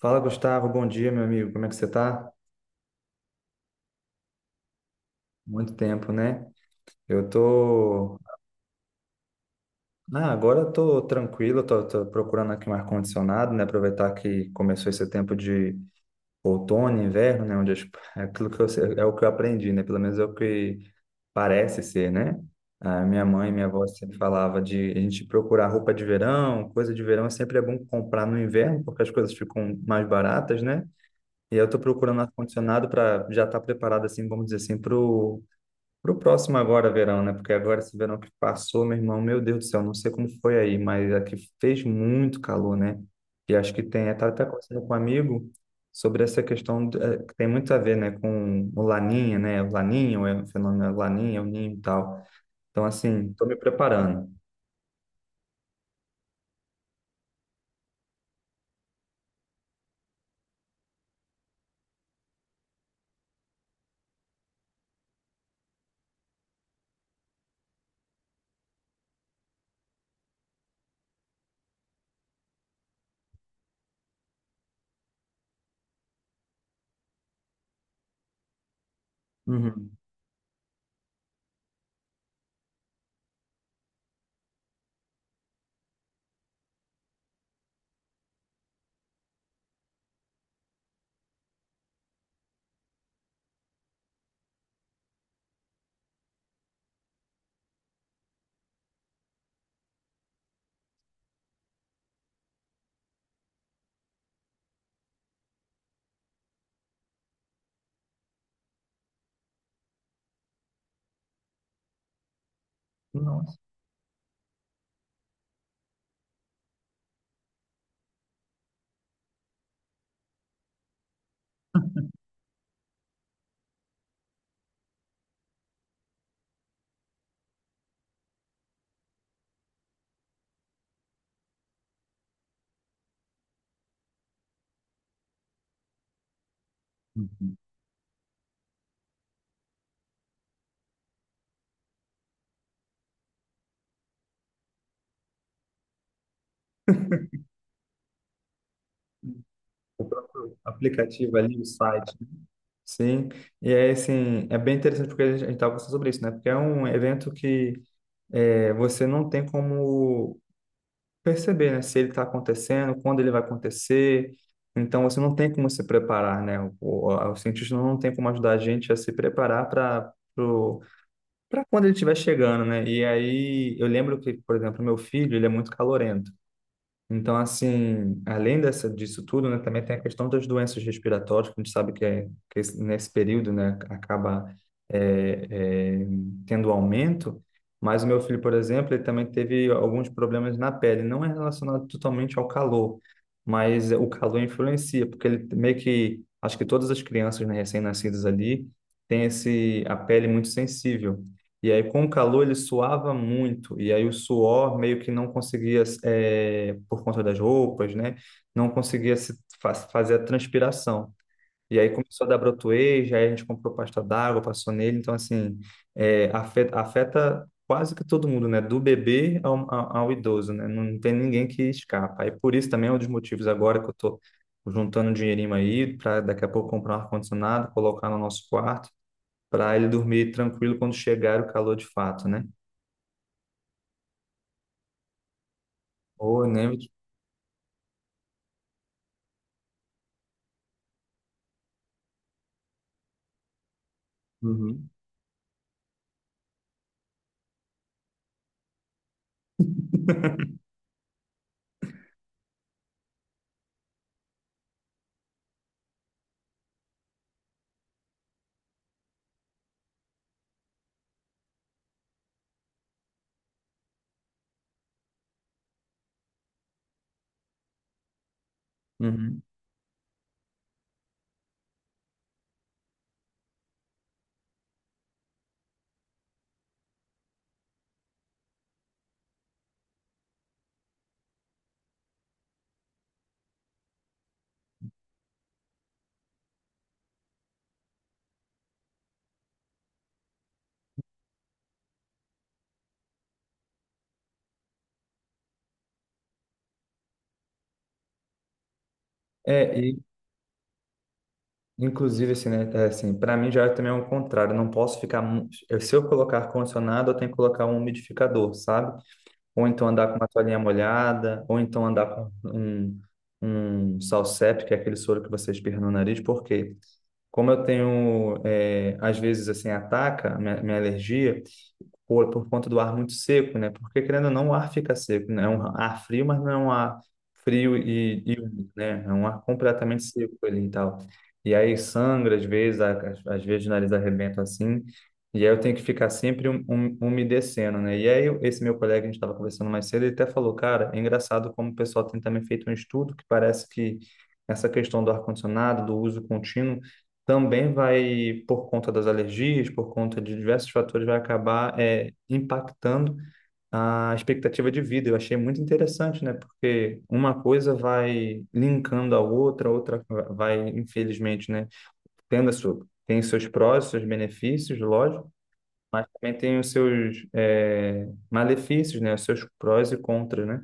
Fala, Gustavo. Bom dia, meu amigo. Como é que você tá? Muito tempo, né? Eu tô. Ah, agora eu tô tranquilo, tô procurando aqui um ar-condicionado, né? Aproveitar que começou esse tempo de outono, inverno, né? É aquilo que é o que eu aprendi, né? Pelo menos é o que parece ser, né? A minha mãe e minha avó sempre falava de a gente procurar roupa de verão, coisa de verão, é sempre é bom comprar no inverno, porque as coisas ficam mais baratas, né? E eu tô procurando um ar-condicionado para já estar preparado, assim, vamos dizer assim, para pro próximo agora, verão, né? Porque agora esse verão que passou, meu irmão, meu Deus do céu, não sei como foi aí, mas aqui fez muito calor, né? E acho que tem, eu tava até conversando com um amigo sobre essa questão, que tem muito a ver, né, com o Laninha, né? O Laninho, é o fenômeno Laninha, é o Ninho e tal. Então, assim, estou me preparando. Uhum. Nossa. Uhum. O próprio aplicativo ali, o site. Sim, e é assim, é bem interessante porque a gente estava conversando sobre isso, né? Porque é um evento que é, você não tem como perceber, né, se ele está acontecendo, quando ele vai acontecer. Então, você não tem como se preparar, né? O cientista não tem como ajudar a gente a se preparar para quando ele estiver chegando, né? E aí, eu lembro que, por exemplo, meu filho, ele é muito calorento. Então, assim, além dessa, disso tudo, né, também tem a questão das doenças respiratórias, que a gente sabe que, é, que nesse período, né, acaba é, é, tendo aumento. Mas o meu filho, por exemplo, ele também teve alguns problemas na pele. Não é relacionado totalmente ao calor, mas o calor influencia, porque ele meio que, acho que todas as crianças, né, recém-nascidas ali, têm esse, a pele muito sensível. E aí, com o calor, ele suava muito. E aí, o suor meio que não conseguia, é, por conta das roupas, né? Não conseguia se fazer a transpiração. E aí começou a dar brotoeja, aí a gente comprou pasta d'água, passou nele. Então, assim, é, afeta quase que todo mundo, né? Do bebê ao idoso, né? Não tem ninguém que escapa. Aí, por isso também é um dos motivos agora que eu tô juntando um dinheirinho aí para daqui a pouco comprar um ar-condicionado, colocar no nosso quarto para ele dormir tranquilo quando chegar o calor de fato, né? Ou nem. Uhum. Uhum. É, e inclusive assim, né, é assim, para mim já também é o contrário, eu não posso ficar, se eu colocar ar-condicionado, eu tenho que colocar um umidificador, sabe? Ou então andar com uma toalhinha molhada, ou então andar com um Salsep, que é aquele soro que você espirra no nariz, porque como eu tenho, é, às vezes assim, ataca a minha alergia, por conta do ar muito seco, né? Porque querendo ou não, o ar fica seco, né? É um ar frio, mas não é um ar frio e úmido, né? É um ar completamente seco ali e tal. E aí sangra às vezes, às vezes o nariz arrebenta assim. E aí eu tenho que ficar sempre umedecendo, né? E aí esse meu colega, a gente estava conversando mais cedo, ele até falou, cara, é engraçado como o pessoal tem também feito um estudo que parece que essa questão do ar-condicionado, do uso contínuo, também vai, por conta das alergias, por conta de diversos fatores, vai acabar é, impactando a expectativa de vida. Eu achei muito interessante, né? Porque uma coisa vai linkando a outra vai, infelizmente, né? Tendo a sua, tem seus prós, seus benefícios, lógico, mas também tem os seus é, malefícios, né? Os seus prós e contras, né?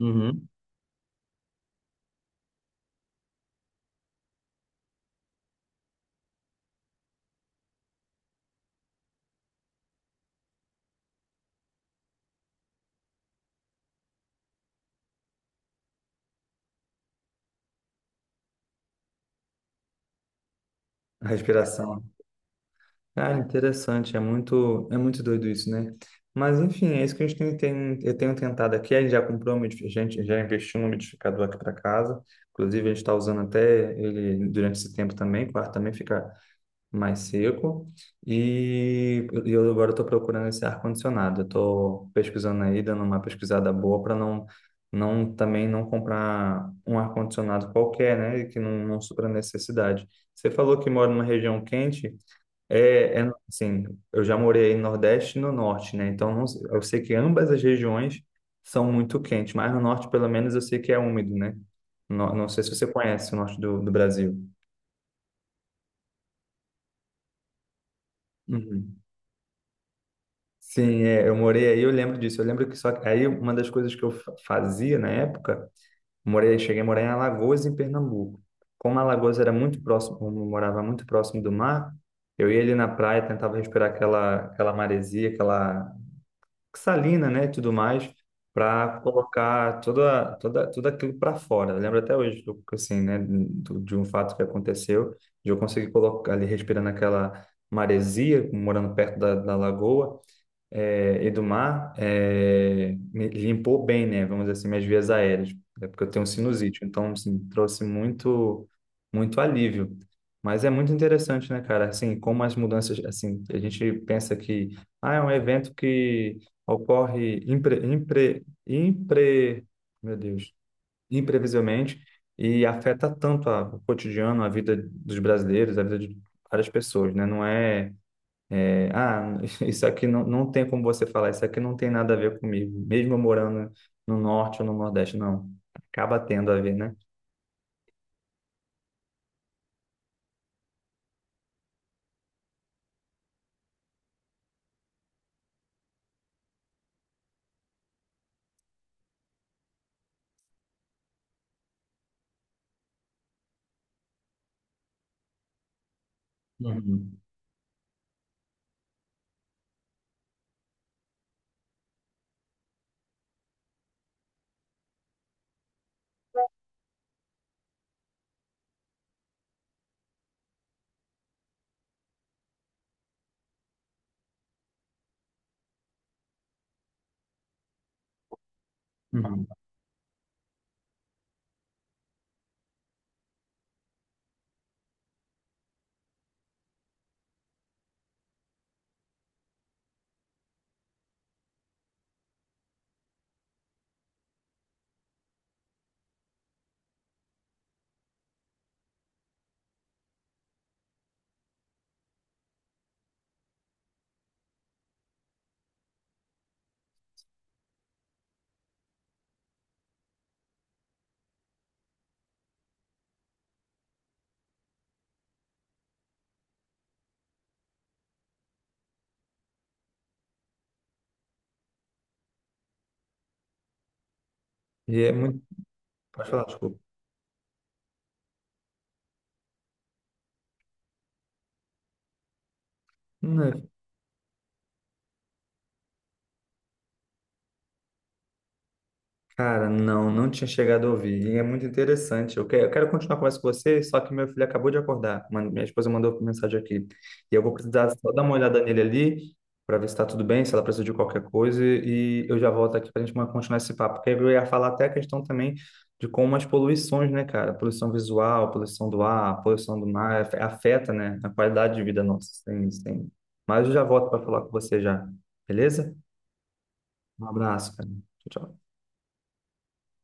Uhum. A respiração. Ah, interessante, é muito doido isso, né? Mas enfim, é isso que a gente tem, eu tenho tentado aqui, a gente já comprou, a gente já investiu no umidificador aqui para casa, inclusive a gente está usando até ele durante esse tempo também, o quarto também fica mais seco, e eu agora estou procurando esse ar-condicionado, eu estou pesquisando aí, dando uma pesquisada boa para não, também não comprar um ar-condicionado qualquer, né, e que não supra a necessidade. Você falou que mora numa região quente, assim, eu já morei no Nordeste e no Norte, né? Eu sei que ambas as regiões são muito quentes, mas no Norte, pelo menos, eu sei que é úmido, né? Não sei se você conhece o Norte do Brasil. Uhum. Sim, é, eu morei aí, eu lembro disso. Eu lembro que só que aí uma das coisas que eu fazia na época, morei, cheguei a morar em Alagoas, em Pernambuco. Como Alagoas era muito próximo, como eu morava muito próximo do mar, eu ia ali na praia, tentava respirar aquela maresia, aquela salina, né, e tudo mais, para colocar tudo aquilo para fora. Eu lembro até hoje, assim, né, de um fato que aconteceu, de eu conseguir colocar ali respirando aquela maresia, morando perto da lagoa, é, Edumar é, me limpou bem, né? Vamos dizer assim, minhas vias aéreas, é porque eu tenho sinusite, então assim, trouxe muito, muito alívio. Mas é muito interessante, né, cara? Assim, como as mudanças, assim, a gente pensa que ah, é um evento que ocorre meu Deus, imprevisivelmente e afeta tanto o cotidiano, a vida dos brasileiros, a vida de várias pessoas, né? Não é é, ah, isso aqui não tem como você falar, isso aqui não tem nada a ver comigo, mesmo eu morando no norte ou no nordeste, não. Acaba tendo a ver, né? Uhum. Uhum. Uhum. E é muito. Pode falar, desculpa. Cara, não, não tinha chegado a ouvir. E é muito interessante. Eu quero continuar a conversa com você, só que meu filho acabou de acordar. Minha esposa mandou mensagem aqui. E eu vou precisar só dar uma olhada nele ali, para ver se está tudo bem, se ela precisa de qualquer coisa. E eu já volto aqui para a gente continuar esse papo. Porque eu ia falar até a questão também de como as poluições, né, cara? Poluição visual, poluição do ar, poluição do mar, afeta, né, a qualidade de vida nossa. Sim, sim. Mas eu já volto para falar com você já. Beleza? Um abraço, cara. Tchau, tchau.